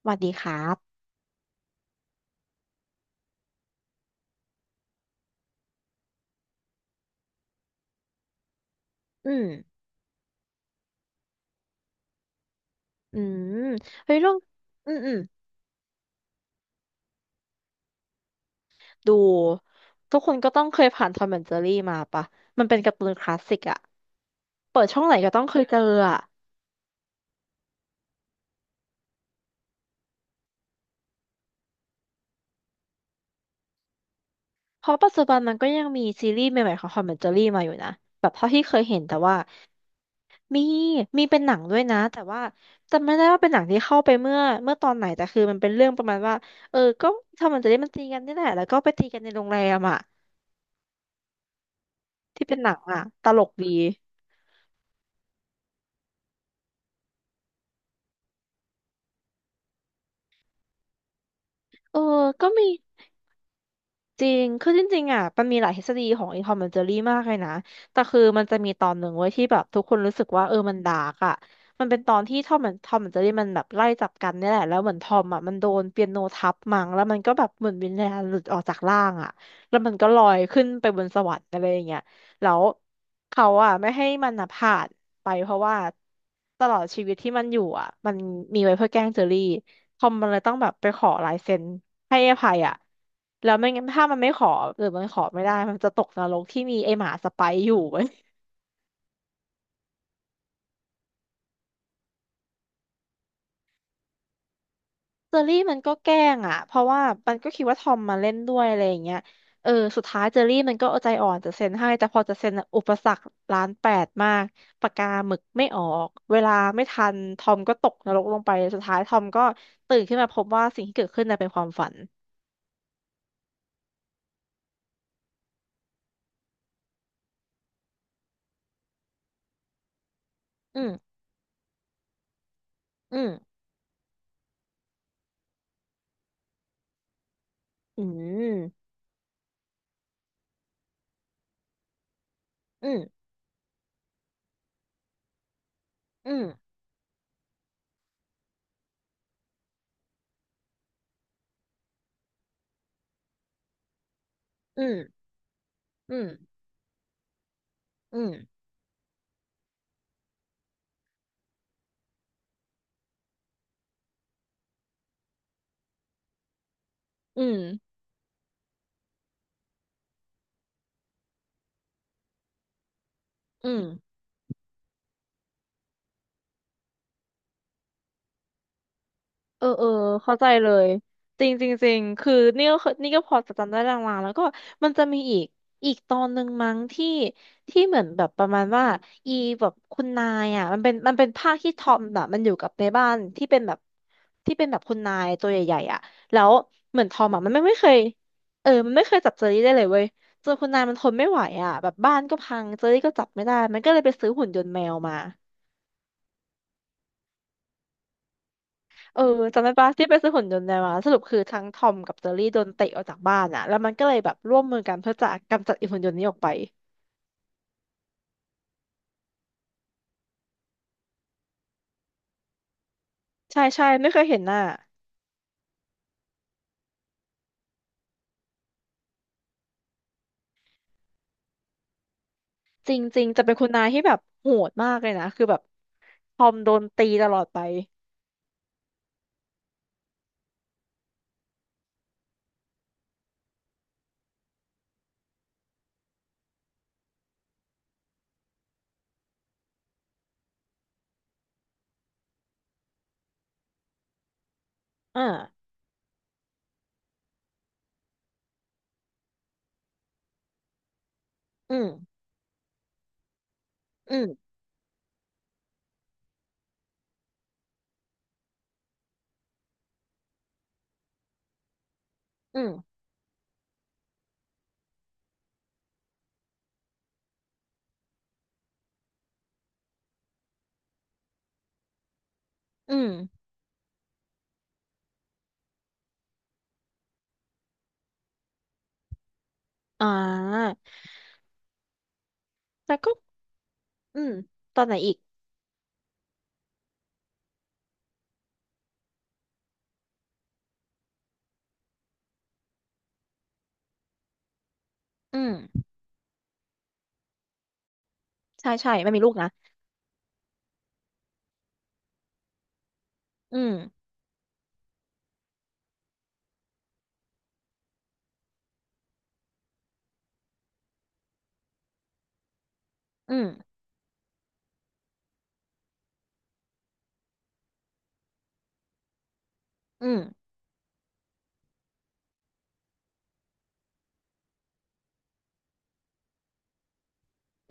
สวัสดีครับอืม อืมเฮ้ยเรื่อง อืมอืม ดูทุกคนก็ต้องเคยผ่านทอมแอนด์เจอรี่มาปะมันเป็นการ์ตูนคลาสสิกอะเปิดช่องไหนก็ต้องเคยเจออะเพราะปัจจุบันมันก็ยังมีซีรีส์ใหม่ๆของทอมแอนด์เจอรี่มาอยู่นะ แบบเท่าที่เคยเห็นแต่ว่า มี มีเป็นหนังด้วยนะ แต่ว่าจำไม่ได้ว่าเป็นหนังที่เข้าไปเมื่อตอนไหนแต่คือมันเป็นเรื่องประมาณว่าเออก็ทอมแอนด์เจอรี่มันตีกันนี่แหละแล้วก็ไปตีกันในโรงแรมอะที่เป็นหนังอะตลกดีเออก็มี จริงคือจริงๆอ่ะมันมีหลายทฤษฎีของ i n c o อมเมนเจอรี่มากเลยนะ แต่คือมันจะมีตอนหนึ่งไว้ยที่แบบทุกคนรู้สึกว่าเออมันดาร์กอ่ะมันเป็นตอนที่ทอมแอนเจอรี่มันแบบไล่จับกันเนี่ยแหละแล้วเหมือนทอมอ่ะมันโดนเปียโนทับมั้งแล้วมันก็แบบเหมือนวิญญาณหลุดออกจากร่างอ่ะแล้วมันก็ลอยขึ้นไปบนสวรรค์อะไรอย่างเงี้ย แล้วเขาอ่ะไม่ให้มันอ่ะผ่านไปเพราะว่าตลอดชีวิตที่มันอยู่อ่ะมันมีไว้เพื่อแกล้งเจอรี่ คอมมันเลยต้องแบบไปขอลายเซ็นให้ไอ้ไผ่อ่ะแล้วไม่งั้นถ้ามันไม่ขอหรือมันขอไม่ได้มันจะตกนรกที่มีไอ้หมาสไปร์อยู่เว้ย เจอรี่มันก็แกล้งอ่ะเพราะว่ามันก็คิดว่าทอมมาเล่นด้วยอะไรอย่างเงี้ยเออสุดท้ายเจอรี่มันก็เอาใจอ่อนจะเซ็นให้แต่พอจะเซ็นอะอุปสรรคล้านแปดมากปากกาหมึกไม่ออกเวลาไม่ทันทอมก็ตกนรกลงไปสุดท้ายทอมก็ตื่นขึ้นมาพบว่าสิ่งที่เกิดขึ้นน่ะเป็นความฝันอืมอืมอืมอืมอืมอืมอืมอืม อืมอืมเออเออเข้าใจเลยจริงจริงจริงคือนี่ก็เคยนี่ก็พอจะจำได้ลางๆแล้วก็มันจะมีอีกตอนหนึ่งมั้งที่ที่เหมือนแบบประมาณว่าอีแบบคุณนายอ่ะมันเป็นภาคที่ทอมแบบมันอยู่กับในบ้านที่เป็นแบบคุณนายตัวใหญ่ๆอ่ะแล้วเหมือนทอมอ่ะมันไม่เคยเออมันไม่เคยจับเจอรี่ได้เลยเว้ยจนคุณนายมันทนไม่ไหวอ่ะแบบบ้านก็พังเจอรี่ก็จับไม่ได้มันก็เลยไปซื้อหุ่นยนต์แมวมา เออจำได้ปะที่ไปซื้อหุ่นยนต์ในมาสรุปคือทั้งทอมกับเจอรี่โดนเตะออกจากบ้านอ่ะแล้วมันก็เลยแบบร่วมมือกันเพื่อจะกำจัดไอีหุ่นยนต์นี้ออกไปใช่ใช่ไม่เคยเห็นหน้าจริงๆจะเป็นคุณนายที่แบบโหดมากเลยนะคือแบบทอมโดนตีตลอดไปอ่าอืมอืมอืมอืมอ่าแล้วก็อืมตอนไหนอีกอืมใช่ใช่มันมีลูกนะอืมอืมอืม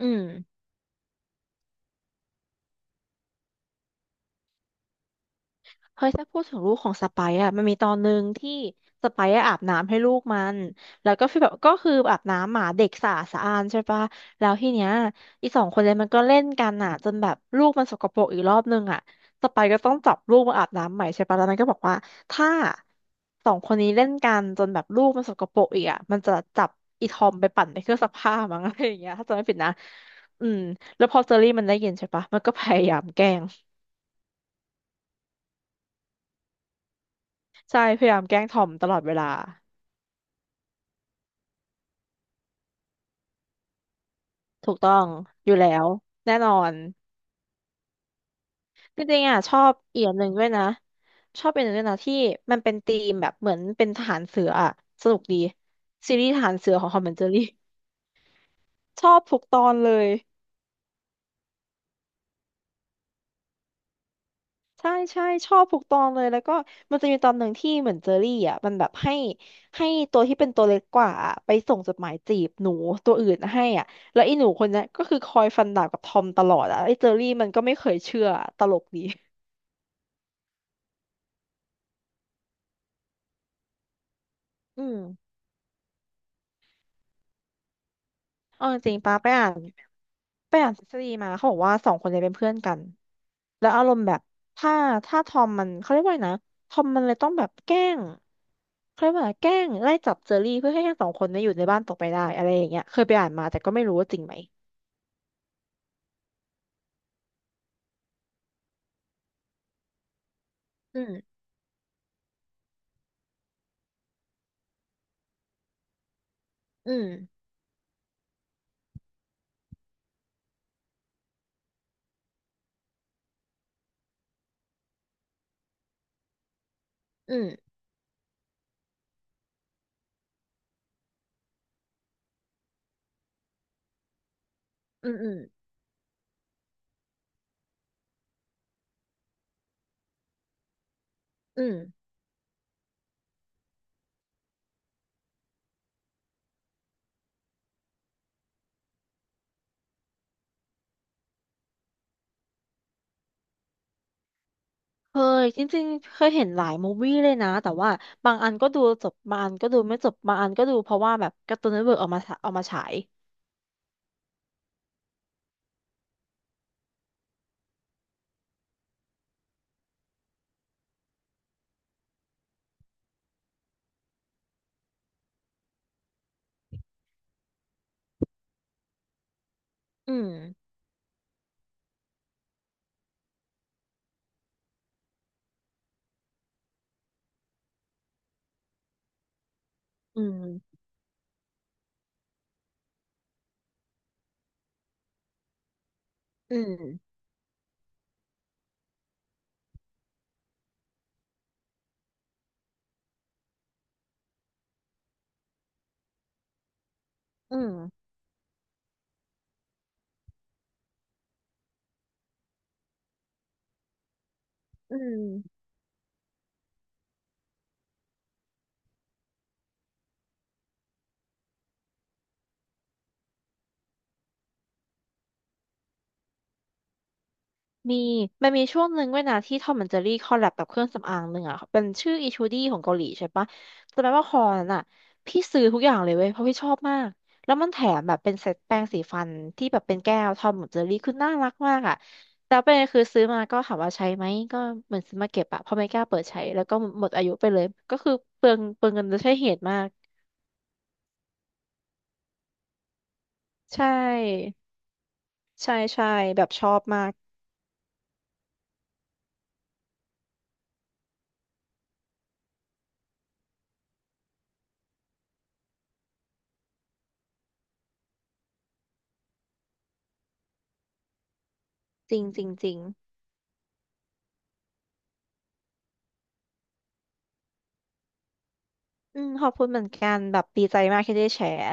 อืม เฮ้ยถ้าพูดถึงลูกของสไปซ์อะมันมีตอนหนึ่งที่สไปซ์อะอาบน้ำให้ลูกมันแล้วก็ฟีลแบบก็คืออาบน้ำหมาเด็กสะอาดสะอานใช่ปะแล้วทีเนี้ยอีสองคนเลยมันก็เล่นกันอะจนแบบลูกมันสกปรกอีกรอบนึงอะสไปซ์ก็ต้องจับลูกมาอาบน้ำใหม่ใช่ปะแล้วมันก็บอกว่าถ้าสองคนนี้เล่นกันจนแบบลูกมันสกปรกอีกอะมันจะจับอีทอมไปปั่นในเครื่องซักผ้ามั้งอะไรอย่างเงี้ยถ้าจำไม่ผิดนะอืมแล้วพอเจอรี่มันได้ยินใช่ปะมันก็พยายามแกล้งใช่พยายามแกล้งทอมตลอดเวลา ถูกต้องอยู่แล้วแน่นอนจริงๆอ่ะชอบอีกอย่างหนึ่งด้วยนะชอบเป็นหนึ่งด้วยนะที่มันเป็นธีมแบบเหมือนเป็นทหารเสืออ่ะสนุกดีซีรีส์ทหารเสือของทอมแอนด์เจอรี่ชอบทุกตอนเลยใช่ใช่ชอบทุกตอนเลยแล้วก็มันจะมีตอนหนึ่งที่เหมือนเจอรี่อ่ะมันแบบให้ตัวที่เป็นตัวเล็กกว่าอะไปส่งจดหมายจีบหนูตัวอื่นให้อ่ะแล้วไอ้หนูคนเนี้ยก็คือคอยฟันดาบกับทอมตลอดอ่ะไอ้เจอรี่มันก็ไม่เคยเชื่อตลกดีอืมเอาจริงๆป้าไปอ่าน ไปอ่านทฤษฎีมาเขาบอกว่าสองคนเนี่ยเป็นเพื่อนกันแล้วอารมณ์แบบถ้าถ้าทอมมันเขาเรียกว่าไงนะทอมมันเลยต้องแบบแกล้งเขาเรียกว่าอะไรแกล้งไล่จับเจอรี่เพื่อให้ทั้งสองคนเนี่ยอยู่ในบ้านต่อไปได้อะไรอย่างเงี้ยเคยไปอ่านมาแต่ก็ไม่รู้ว่าจริงไหมอืมอืมอืมอืมอืมอืมเคยจริงๆเคยเห็นหลายมูฟวี่เลยนะแต่ว่าบางอันก็ดูจบบางอันก็ดูไม่จบบางอันก็ดูเพราะว่าแบบการ์ตูนเน็ตเวิร์กเอามาฉายอืมอืมอืมอืมอืม มี มันมีช่วงหนึ่งด้วยนะที่ทอมแอนด์เจอรี่คอลแลบกับเครื่องสำอางหนึ่งอ่ะ เป็นชื่ออีชูดี้ของเกาหลีใช่ปะแต่แปลว่าคอนั้นอ่ะพี่ซื้อทุกอย่างเลยเว้ยเพราะพี่ชอบมาก แล้วมันแถมแบบเป็นเซตแปรงสีฟันที่แบบเป็นแก้วทอมแอนด์เจอรี่คือน่ารักมากอ่ะแต่ประเด็นคือซื้อมาก็ถามว่าใช้ไหมก็เหมือนซื้อมาเก็บอ่ะเพราะไม่กล้าเปิดใช้แล้วก็หมดอายุไปเลยก็คือเปลืองเงินโดยใช่เหตุมากใช่ใช่ใช่แบบชอบมากจริงจริงจริงอืมขอบคุณเหมือนกันแบบดีใจมากที่ได้แชร์